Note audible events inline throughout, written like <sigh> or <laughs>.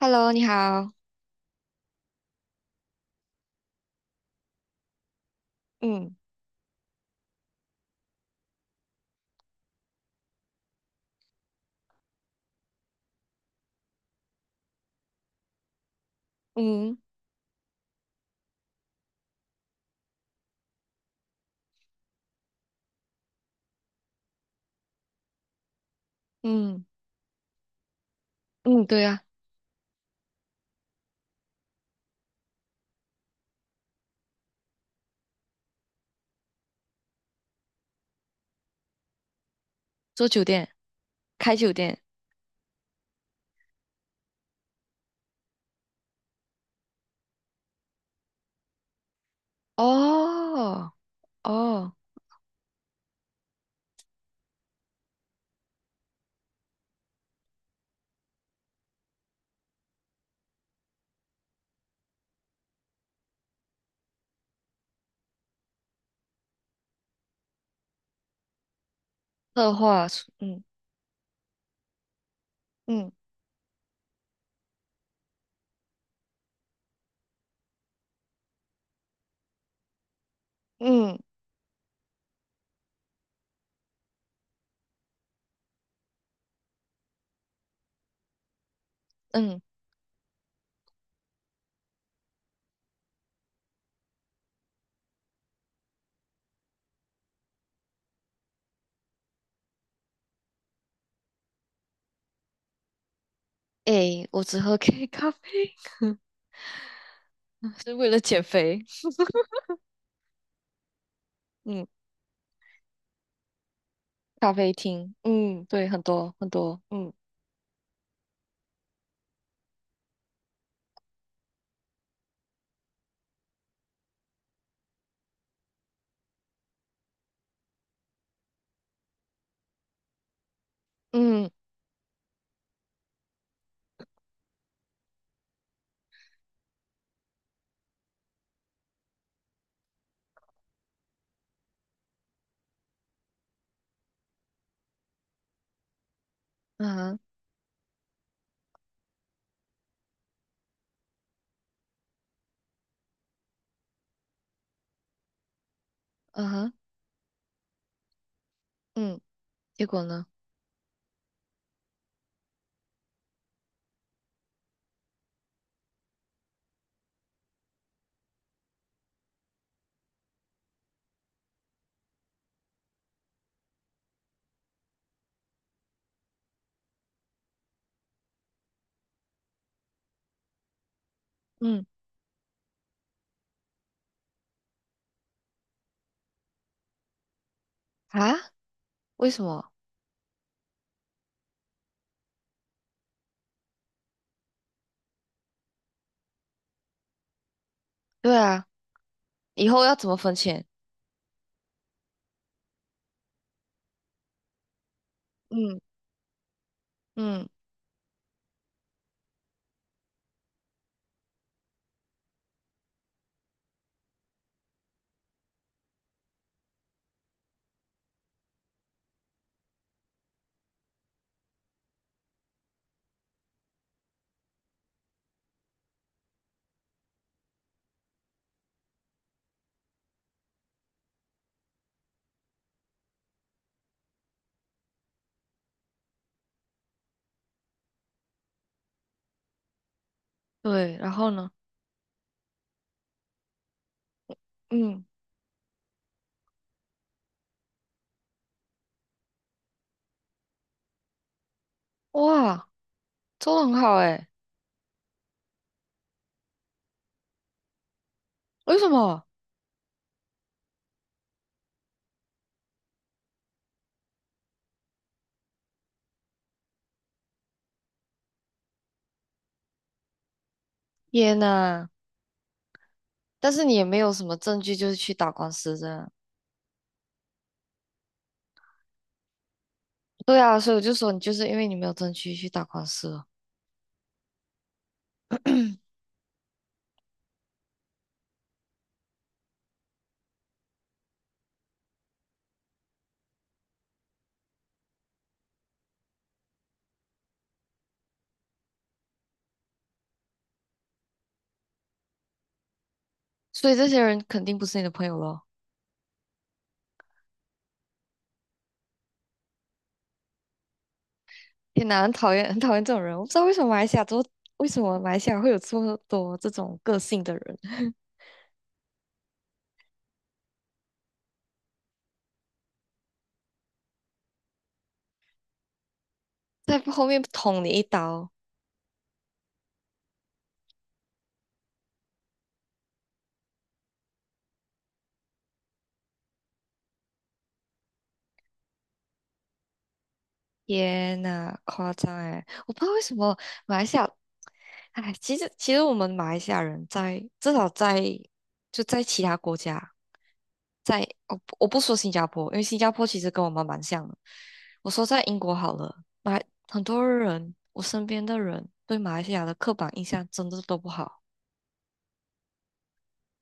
Hello，你好。嗯嗯嗯嗯，对啊，做酒店，开酒店。哦哦，策划出，嗯嗯嗯，嗯，诶，我只喝 <laughs> K 咖啡，<laughs> 是为了减肥。嗯，咖啡厅，嗯对，很多很多。嗯嗯嗯哼嗯哼，嗯，结果呢？嗯，啊，为什么？对啊，以后要怎么分钱？嗯嗯，对，然后呢？嗯，哇，做的很好诶。为什么？天呐，但是你也没有什么证据，就是去打官司这样。对啊，所以我就说你就是因为你没有证据去打官司了，<clears throat> 所以这些人肯定不是你的朋友咯。天呐，很讨厌，<laughs> 很讨厌这种人。我不知道为什么马来西亚会有这么多这种个性的人，<laughs> 在后面捅你一刀。天呐，夸张哎！我不知道为什么马来西亚，哎，其实我们马来西亚人在至少在就在其他国家，在我不说新加坡，因为新加坡其实跟我们蛮像的。我说在英国好了，马很多人我身边的人对马来西亚的刻板印象真的都不好，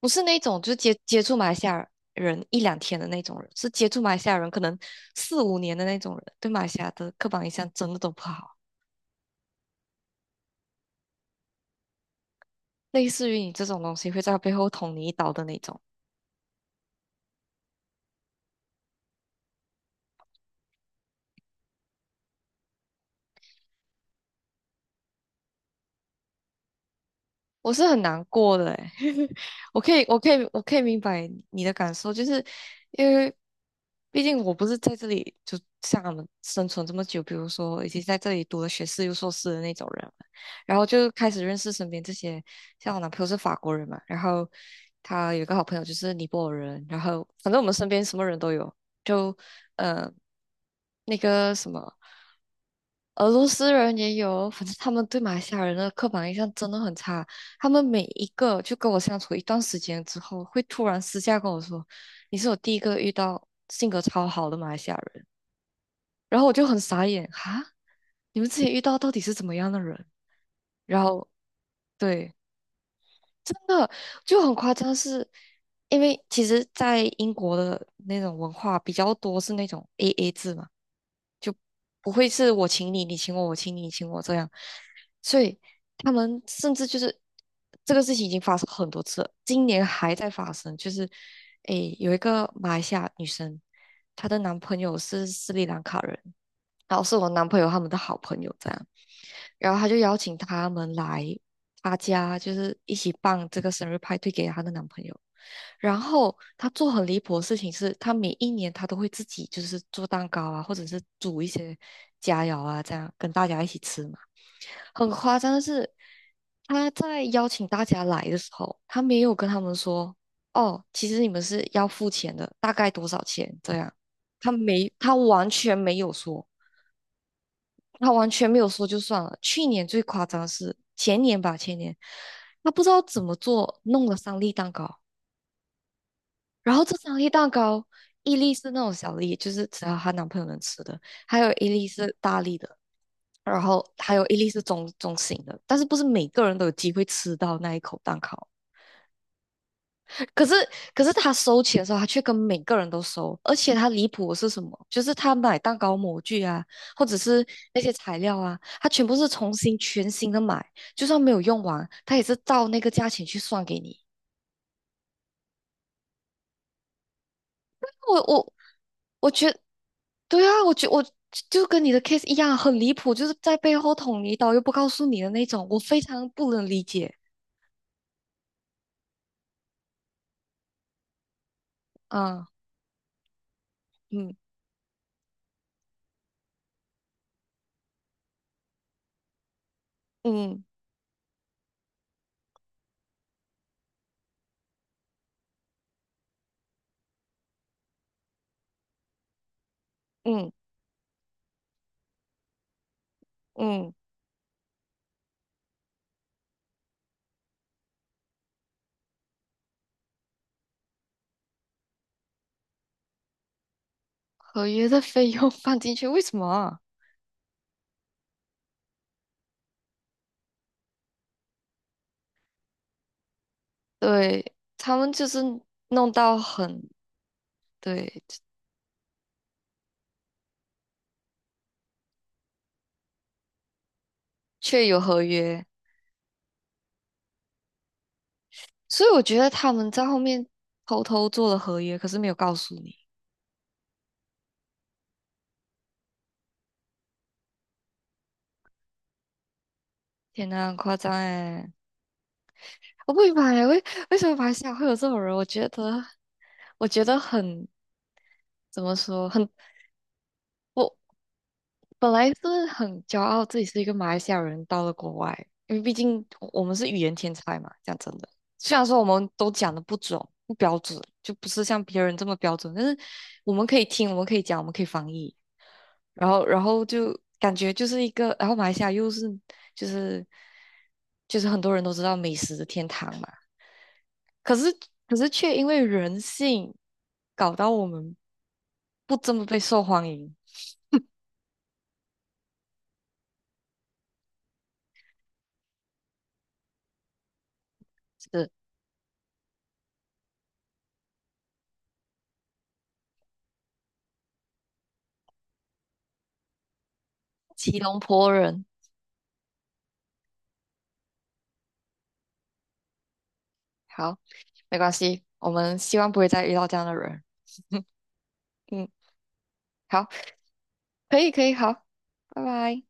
不是那种就接触马来西亚人一两天的那种人，是接触马来西亚人可能四五年的那种人，对马来西亚的刻板印象真的都不好。类似于你这种东西会在背后捅你一刀的那种。我是很难过的诶，<laughs> 我可以明白你的感受，就是因为毕竟我不是在这里就像他们生存这么久，比如说已经在这里读了学士又硕士的那种人了然后就开始认识身边这些，像我男朋友是法国人嘛，然后他有一个好朋友就是尼泊尔人，然后反正我们身边什么人都有，就呃那个什么。俄罗斯人也有，反正他们对马来西亚人的刻板印象真的很差。他们每一个就跟我相处一段时间之后，会突然私下跟我说：“你是我第一个遇到性格超好的马来西亚人。”然后我就很傻眼，哈，你们之前遇到到底是怎么样的人？然后对，真的就很夸张是，因为其实，在英国的那种文化比较多是那种 AA 制嘛，就不会是我请你，你请我，我请你，你请我这样，所以他们甚至就是这个事情已经发生很多次了，今年还在发生，就是诶有一个马来西亚女生，她的男朋友是斯里兰卡人，然后是我男朋友他们的好朋友这样，然后他就邀请他们来他家，就是一起办这个生日派对给她的男朋友。然后她做很离谱的事情是，她每一年她都会自己就是做蛋糕啊，或者是煮一些佳肴啊，这样跟大家一起吃嘛。很夸张的是，她在邀请大家来的时候，她没有跟他们说，哦，其实你们是要付钱的，大概多少钱这样，她完全没有说。他完全没有说就算了。去年最夸张的是前年吧，前年他不知道怎么做，弄了三粒蛋糕，然后这三粒蛋糕，一粒是那种小粒，就是只要她男朋友能吃的，还有一粒是大粒的，然后还有一粒是中型的，但是不是每个人都有机会吃到那一口蛋糕。可是，可是，他收钱的时候，他却跟每个人都收，而且他离谱的是什么？就是他买蛋糕模具啊，或者是那些材料啊，他全部是重新全新的买，就算没有用完，他也是照那个价钱去算给你。我我我觉得，对啊，我就跟你的 case 一样，很离谱，就是在背后捅你一刀又不告诉你的那种，我非常不能理解啊，嗯嗯嗯嗯，合约的费用放进去为什么啊对，他们就是弄到很，对，确有合约，所以我觉得他们在后面偷偷做了合约，可是没有告诉你。天呐，很夸张哎！我不明白欸为什么马来西亚会有这种人，我觉得很怎么说，我本来是很骄傲自己是一个马来西亚人，到了国外，因为毕竟我们是语言天才嘛，讲真的。虽然说我们都讲的不准、不标准，就不是像别人这么标准，但是我们可以听，我们可以讲，我们可以翻译，然后就感觉就是一个，然后马来西亚又是就是就是很多人都知道美食的天堂嘛，可是可是却因为人性搞到我们不这么被受欢迎，是吉隆坡人。好，没关系，我们希望不会再遇到这样的人。嗯，好，可以，可以，好，拜拜。